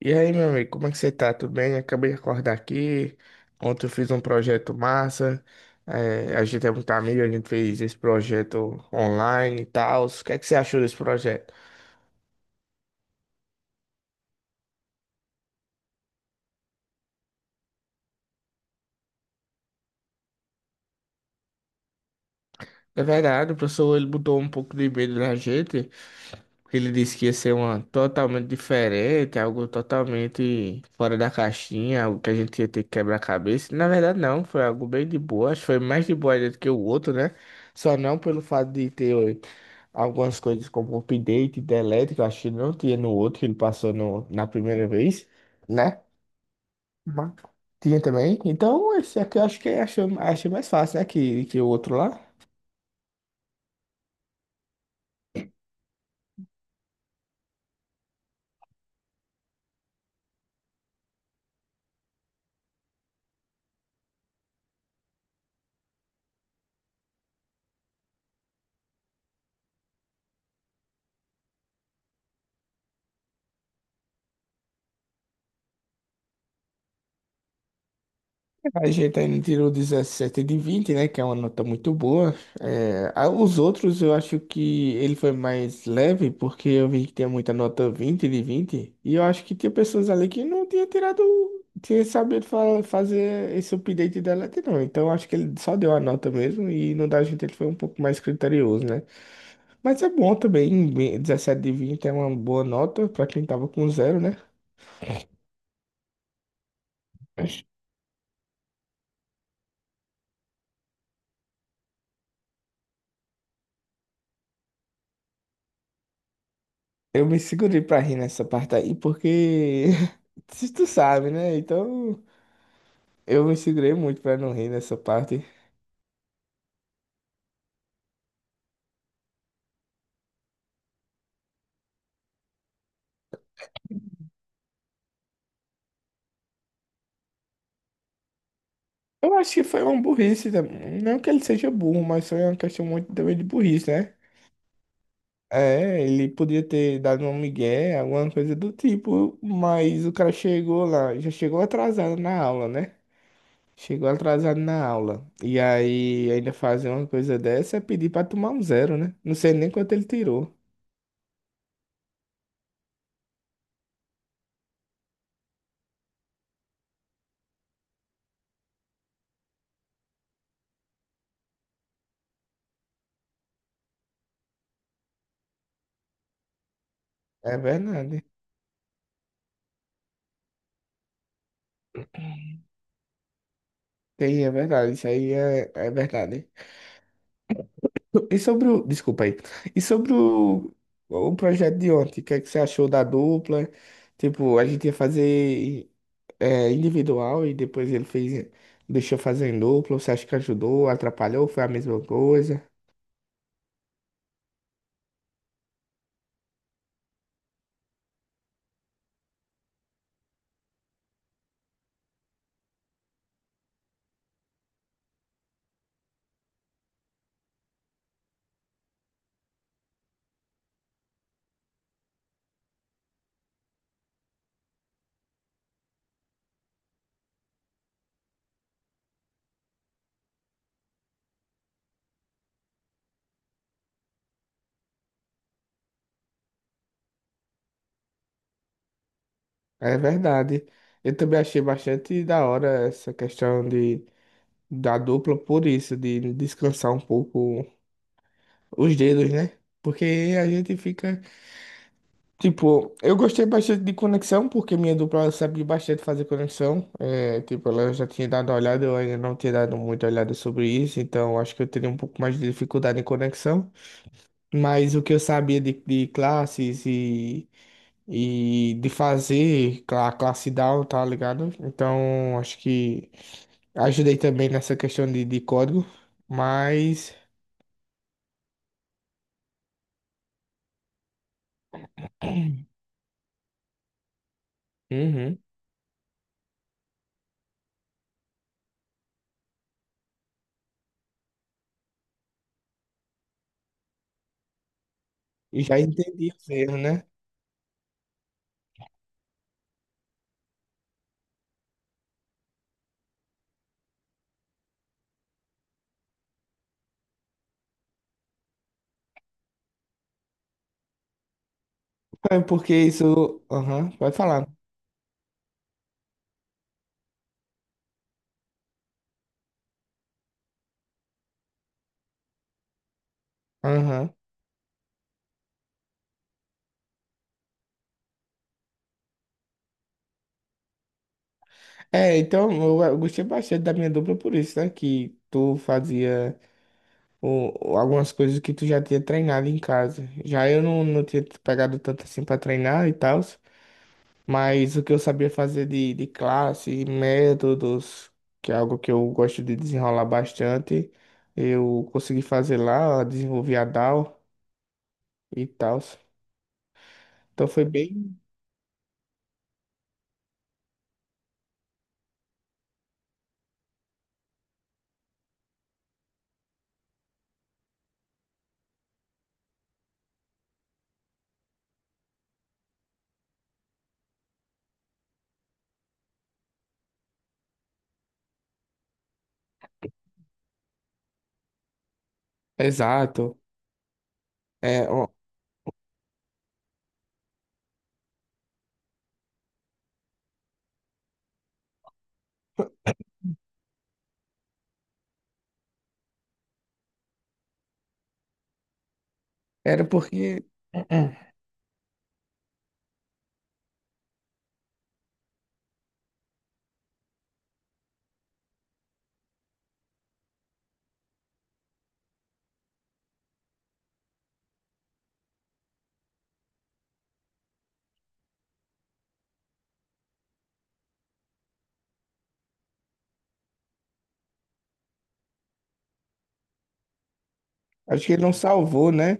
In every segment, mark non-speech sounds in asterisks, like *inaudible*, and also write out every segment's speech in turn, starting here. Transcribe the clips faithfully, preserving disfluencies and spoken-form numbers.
E aí, meu amigo, como é que você tá? Tudo bem? Acabei de acordar aqui. Ontem eu fiz um projeto massa. É, a gente é muito amigo, a gente fez esse projeto online e tal. O que é que você achou desse projeto? Na verdade, o professor ele botou um pouco de medo na gente. Ele disse que ia ser uma totalmente diferente, algo totalmente fora da caixinha, algo que a gente ia ter que quebrar a cabeça. Na verdade, não, foi algo bem de boa. Acho que foi mais de boa ainda do que o outro, né? Só não pelo fato de ter eh, algumas coisas como update, delete, que eu acho que não tinha no outro, que ele passou no, na primeira vez, né? Mas tinha também. Então, esse aqui eu acho que achei, achei mais fácil, né? Que, que o outro lá. A gente ainda tirou dezessete de vinte, né? Que é uma nota muito boa. É, a- os outros eu acho que ele foi mais leve, porque eu vi que tinha muita nota vinte de vinte. E eu acho que tinha pessoas ali que não tinha tirado, tinha sabido fa- fazer esse update da delete, não. Então eu acho que ele só deu a nota mesmo e no da gente ele foi um pouco mais criterioso, né? Mas é bom também, bem- dezessete de vinte é uma boa nota para quem tava com zero, né? Eu me segurei pra rir nessa parte aí, porque *laughs* se tu sabe, né? Então eu me segurei muito pra não rir nessa parte. Eu acho que foi uma burrice também. Não que ele seja burro, mas foi uma questão muito também de burrice, né? É, ele podia ter dado um migué, alguma coisa do tipo, mas o cara chegou lá, já chegou atrasado na aula, né? Chegou atrasado na aula. E aí ainda fazer uma coisa dessa é pedir pra tomar um zero, né? Não sei nem quanto ele tirou. É verdade. Tem, é verdade, isso aí é, é verdade. E sobre o. Desculpa aí. E sobre o, o projeto de ontem, o que é que você achou da dupla? Tipo, a gente ia fazer é, individual e depois ele fez, deixou fazer em dupla. Você acha que ajudou, atrapalhou, foi a mesma coisa? É verdade. Eu também achei bastante da hora essa questão de, da dupla, por isso, de descansar um pouco os dedos, né? Porque a gente fica. Tipo, eu gostei bastante de conexão, porque minha dupla ela sabe bastante fazer conexão. É, tipo, ela já tinha dado uma olhada, eu ainda não tinha dado muita olhada sobre isso, então acho que eu teria um pouco mais de dificuldade em conexão. Mas o que eu sabia de, de classes e, e de fazer a classe down, tá ligado? Então acho que ajudei também nessa questão de, de código, mas *clears throat* uhum, já entendi os erros, né? É porque isso. Aham, vai falar. Aham. É, então eu, eu gostei bastante da minha dupla por isso, né? Que tu fazia o- algumas coisas que tu já tinha treinado em casa. Já eu não, não tinha pegado tanto assim pra treinar e tal, mas o que eu sabia fazer de, de classe, métodos, que é algo que eu gosto de desenrolar bastante, eu consegui fazer lá, desenvolvi a DAO e tal. Então foi bem. Exato. É, ó, era porque *clears throat* acho que ele não salvou, né?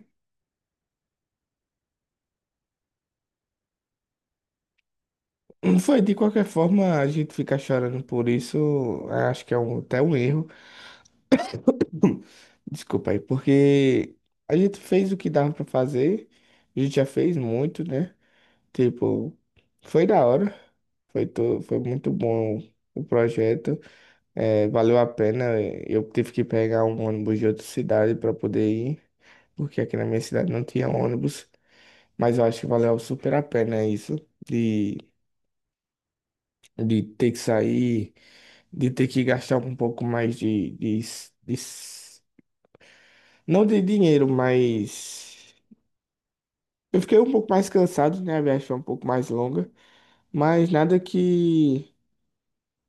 Não. Foi, de qualquer forma, a gente fica chorando por isso, acho que é um, até um erro, desculpa aí, porque a gente fez o que dava pra fazer, a gente já fez muito, né? Tipo, foi da hora, foi, to, foi muito bom o projeto, é, valeu a pena, eu tive que pegar um ônibus de outra cidade pra poder ir, porque aqui na minha cidade não tinha ônibus, mas eu acho que valeu super a pena isso, de, de ter que sair. De ter que gastar um pouco mais de, de, de- não de dinheiro, mas eu fiquei um pouco mais cansado, né? A viagem foi um pouco mais longa, mas nada que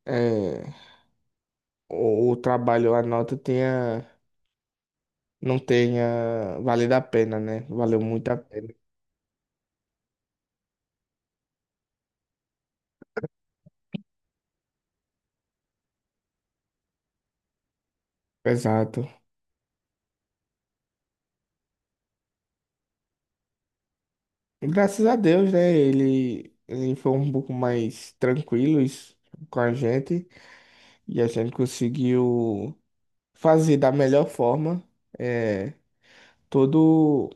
é, o, o trabalho, a nota tenha, não tenha valido a pena, né? Valeu muito a pena. Exato. E graças a Deus, né? Ele, ele foi um pouco mais tranquilo isso, com a gente e a gente conseguiu fazer da melhor forma. É, todo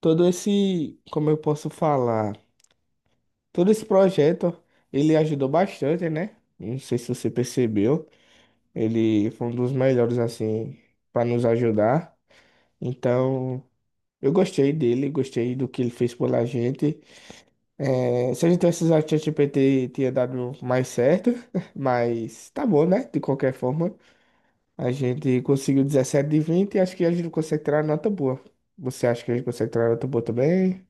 todo esse, como eu posso falar, todo esse projeto, ele ajudou bastante, né? Não sei se você percebeu, ele foi um dos melhores assim para nos ajudar. Então, eu gostei dele, gostei do que ele fez pela gente. É, se a gente tivesse usado o ChatGPT, tinha dado mais certo, *laughs* mas tá bom, né? De qualquer forma, a gente conseguiu dezessete de vinte e acho que a gente consegue tirar nota boa. Você acha que a gente consegue tirar nota boa também?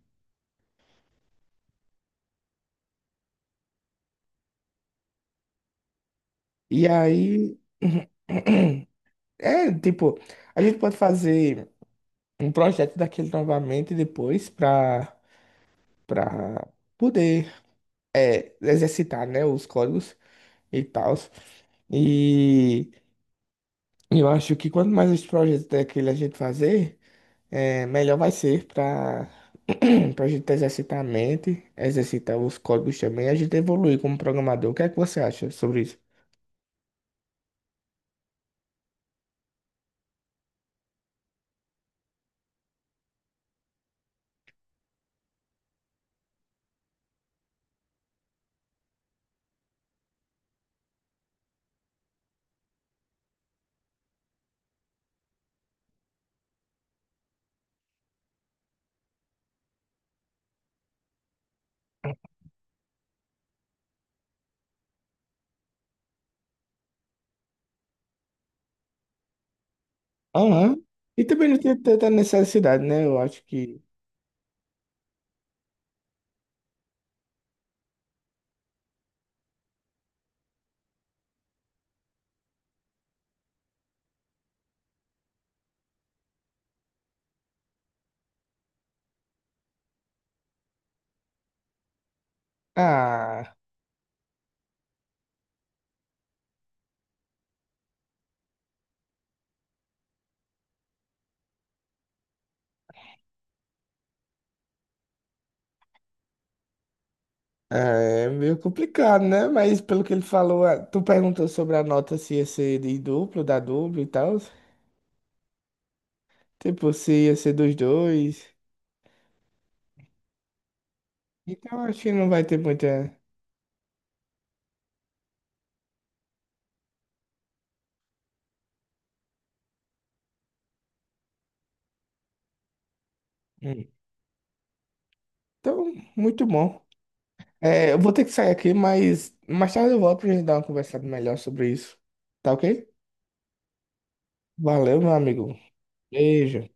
E aí, *clears throat* é, tipo, a gente pode fazer um projeto daquele novamente depois para para poder é, exercitar, né, os códigos e tal. E eu acho que quanto mais esse projeto daquele a gente fazer, é, melhor vai ser para para *clears throat* a gente exercitar a mente, exercitar os códigos também, e a gente evoluir como programador. O que é que você acha sobre isso? Aham. E também não tem tanta necessidade, né? Eu acho que, ah, é meio complicado, né? Mas pelo que ele falou, ah, tu perguntou sobre a nota se ia ser de duplo, da dupla e tal. Tipo, se ia ser dos dois. Então acho que não vai ter muita. Hum. Então, muito bom. É, eu vou ter que sair aqui, mas mais tarde eu volto pra gente dar uma conversada melhor sobre isso. Tá ok? Valeu, meu amigo. Beijo.